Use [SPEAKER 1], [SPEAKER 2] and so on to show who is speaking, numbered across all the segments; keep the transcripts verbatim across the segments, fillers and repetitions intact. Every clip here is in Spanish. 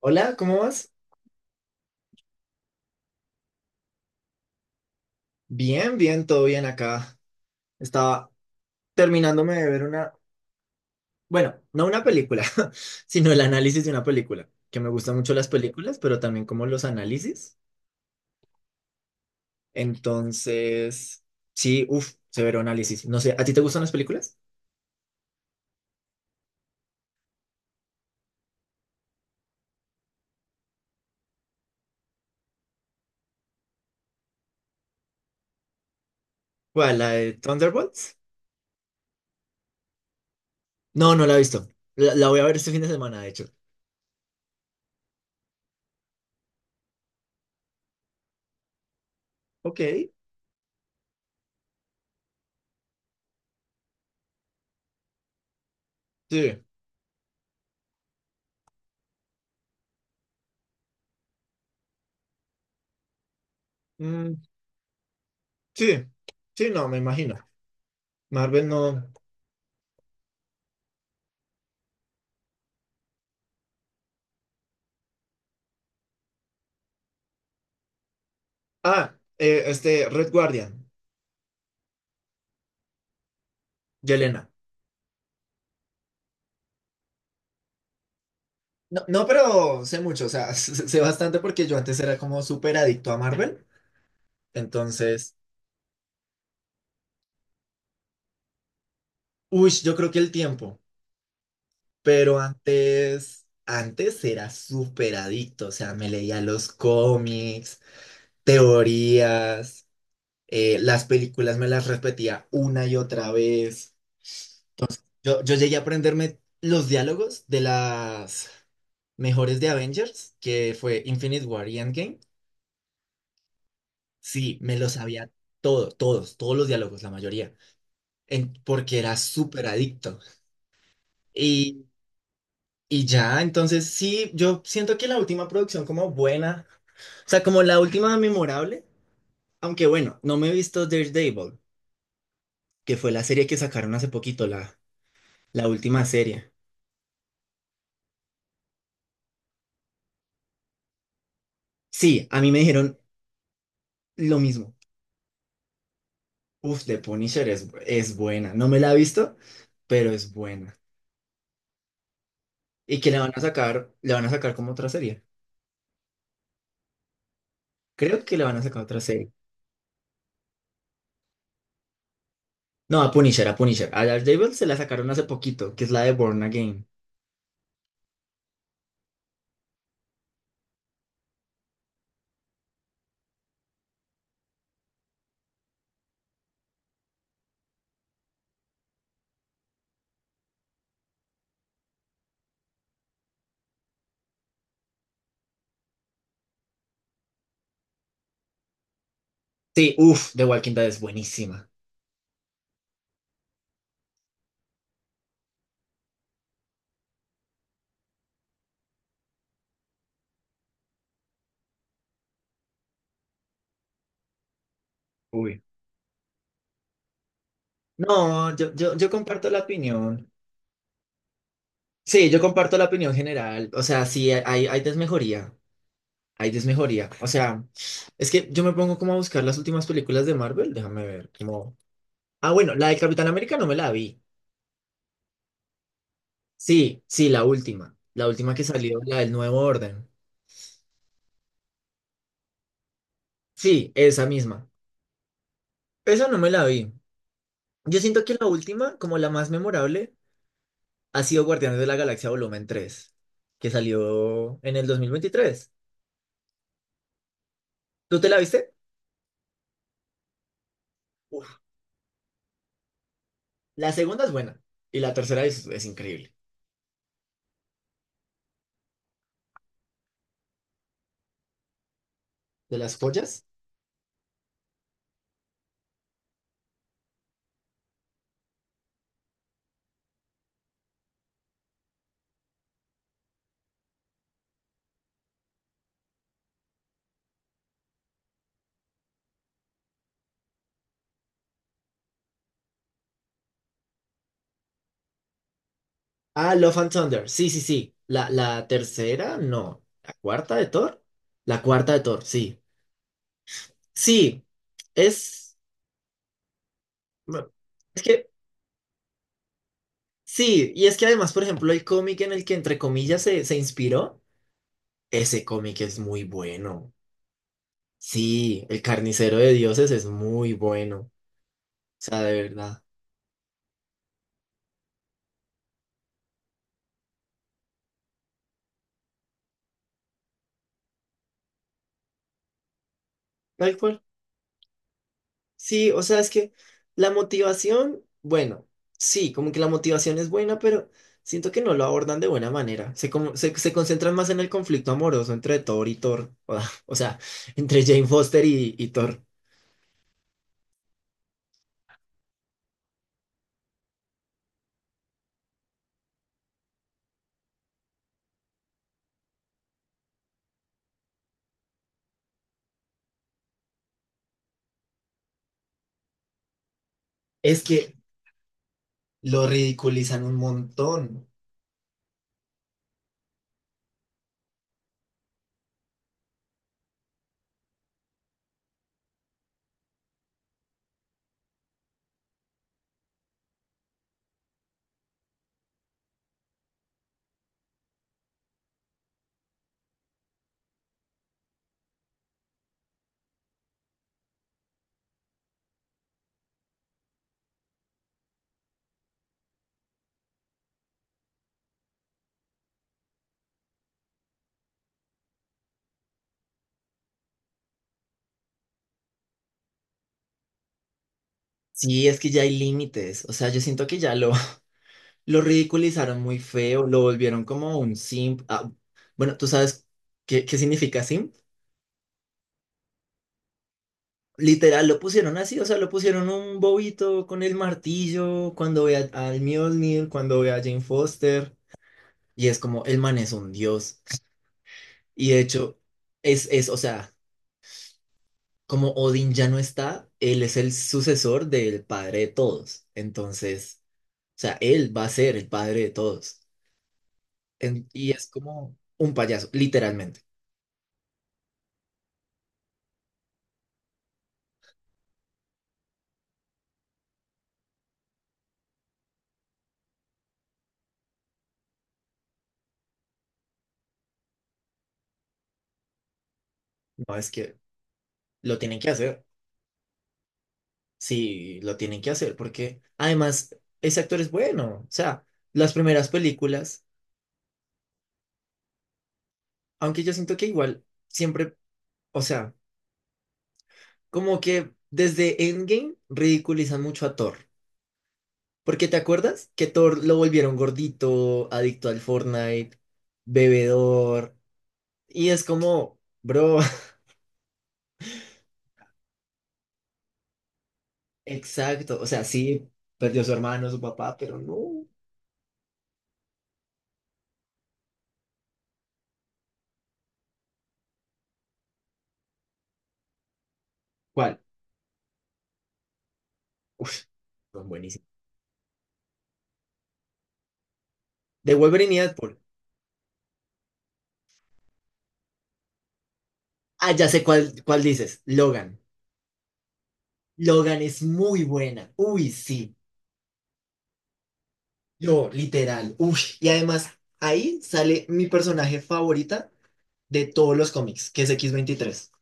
[SPEAKER 1] Hola, ¿cómo vas? Bien, bien, todo bien acá. Estaba terminándome de ver una, bueno, no una película, sino el análisis de una película, que me gustan mucho las películas, pero también como los análisis. Entonces, sí, uff, severo análisis. No sé, ¿a ti te gustan las películas? ¿Cuál, la de Thunderbolts? No, no la he visto. La, la voy a ver este fin de semana, de hecho. Ok, sí, mm, sí, sí, no, me imagino. Marvel no. Ah, eh, este, Red Guardian, Yelena. No, no, pero sé mucho, o sea, sé bastante porque yo antes era como súper adicto a Marvel. Entonces, uy, yo creo que el tiempo, pero antes, antes era súper adicto, o sea, me leía los cómics, teorías, eh, las películas me las repetía una y otra vez. Yo, yo llegué a aprenderme los diálogos de las mejores de Avengers, que fue Infinite War y Endgame. Sí, me los sabía todo, todos, todos los diálogos, la mayoría. En- porque era súper adicto. Y, y ya, entonces sí, yo siento que la última producción como buena, o sea, como la última memorable, aunque bueno, no me he visto Daredevil, que fue la serie que sacaron hace poquito, la, la última serie. Sí, a mí me dijeron lo mismo. Uf, The Punisher es, es buena. No me la he visto, pero es buena. Y que le van a sacar, le van a sacar como otra serie. Creo que le van a sacar otra serie. No, a Punisher, a Punisher. A Daredevil se la sacaron hace poquito, que es la de Born Again. Sí, uff, The Walking Dead es buenísima. Uy. No, yo, yo, yo comparto la opinión. Sí, yo comparto la opinión general. O sea, sí, hay, hay desmejoría. Hay desmejoría. O sea, es que yo me pongo como a buscar las últimas películas de Marvel. Déjame ver. Como... Ah, bueno, la de Capitán América no me la vi. Sí, sí, la última. La última que salió, la del Nuevo Orden. Sí, esa misma. Esa no me la vi. Yo siento que la última, como la más memorable, ha sido Guardianes de la Galaxia Volumen tres, que salió en el dos mil veintitrés. ¿Tú te la viste? Uf. La segunda es buena y la tercera es, es increíble. ¿De las joyas? Ah, Love and Thunder. Sí, sí, sí. La, la tercera, no. ¿La cuarta de Thor? La cuarta de Thor, sí. Sí, es... bueno, es que, sí, y es que además, por ejemplo, el cómic en el que entre comillas se, se inspiró, ese cómic es muy bueno. Sí, El Carnicero de Dioses es muy bueno. Sea, de verdad. Tal cual. Sí, o sea, es que la motivación, bueno, sí, como que la motivación es buena, pero siento que no lo abordan de buena manera. Se, como- se, se concentran más en el conflicto amoroso entre Thor y Thor. O, sea, entre Jane Foster y, y Thor. Es que lo ridiculizan un montón. Sí, es que ya hay límites. O sea, yo siento que ya lo, lo ridiculizaron muy feo, lo volvieron como un simp. Ah, bueno, ¿tú sabes qué, qué significa simp? Literal, lo pusieron así, o sea, lo pusieron un bobito con el martillo, cuando ve a- al Mjolnir, cuando ve a Jane Foster, y es como, el man es un dios. Y de hecho, es, es, o sea, como Odín ya no está, él es el sucesor del padre de todos. Entonces, o sea, él va a ser el padre de todos. En- y es como un payaso, literalmente. No es que lo tienen que hacer. Sí, lo tienen que hacer porque además ese actor es bueno. O sea, las primeras películas, aunque yo siento que igual siempre, o sea, como que desde Endgame ridiculizan mucho a Thor. Porque ¿te acuerdas que Thor lo volvieron gordito, adicto al Fortnite, bebedor? Y es como, bro, exacto. O sea, sí, perdió a su hermano, a su papá, pero no. ¿Cuál? Uf, son buenísimos. De Wolverine y Deadpool. Ah, ya sé cuál, cuál dices, Logan. Logan es muy buena. Uy, sí. Yo, literal. Uy. Y además, ahí sale mi personaje favorita de todos los cómics, que es x veintitrés,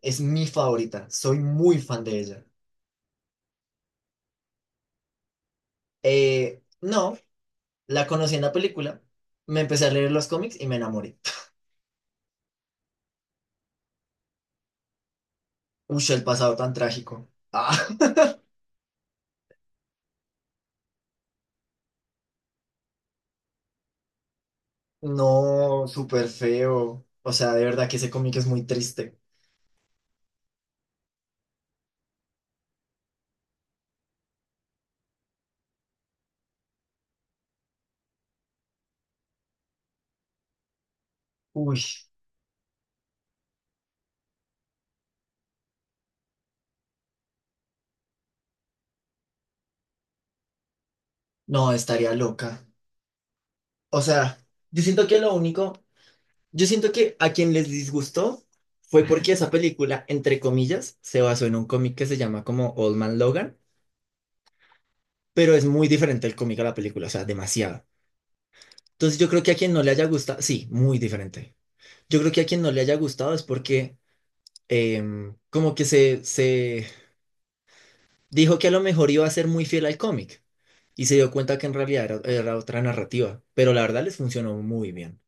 [SPEAKER 1] es mi favorita. Soy muy fan de ella. Eh, no, la conocí en la película. Me empecé a leer los cómics y me enamoré. Uy, el pasado tan trágico. Ah, no, súper feo. O sea, de verdad que ese cómic es muy triste. Uy, no, estaría loca. O sea, yo siento que lo único. Yo siento que a quien les disgustó fue porque esa película, entre comillas, se basó en un cómic que se llama como Old Man Logan, pero es muy diferente el cómic a la película, o sea, demasiado. Entonces yo creo que a quien no le haya gustado, sí, muy diferente. Yo creo que a quien no le haya gustado es porque em, como que se, se dijo que a lo mejor iba a ser muy fiel al cómic y se dio cuenta que en realidad era, era otra narrativa, pero la verdad les funcionó muy bien.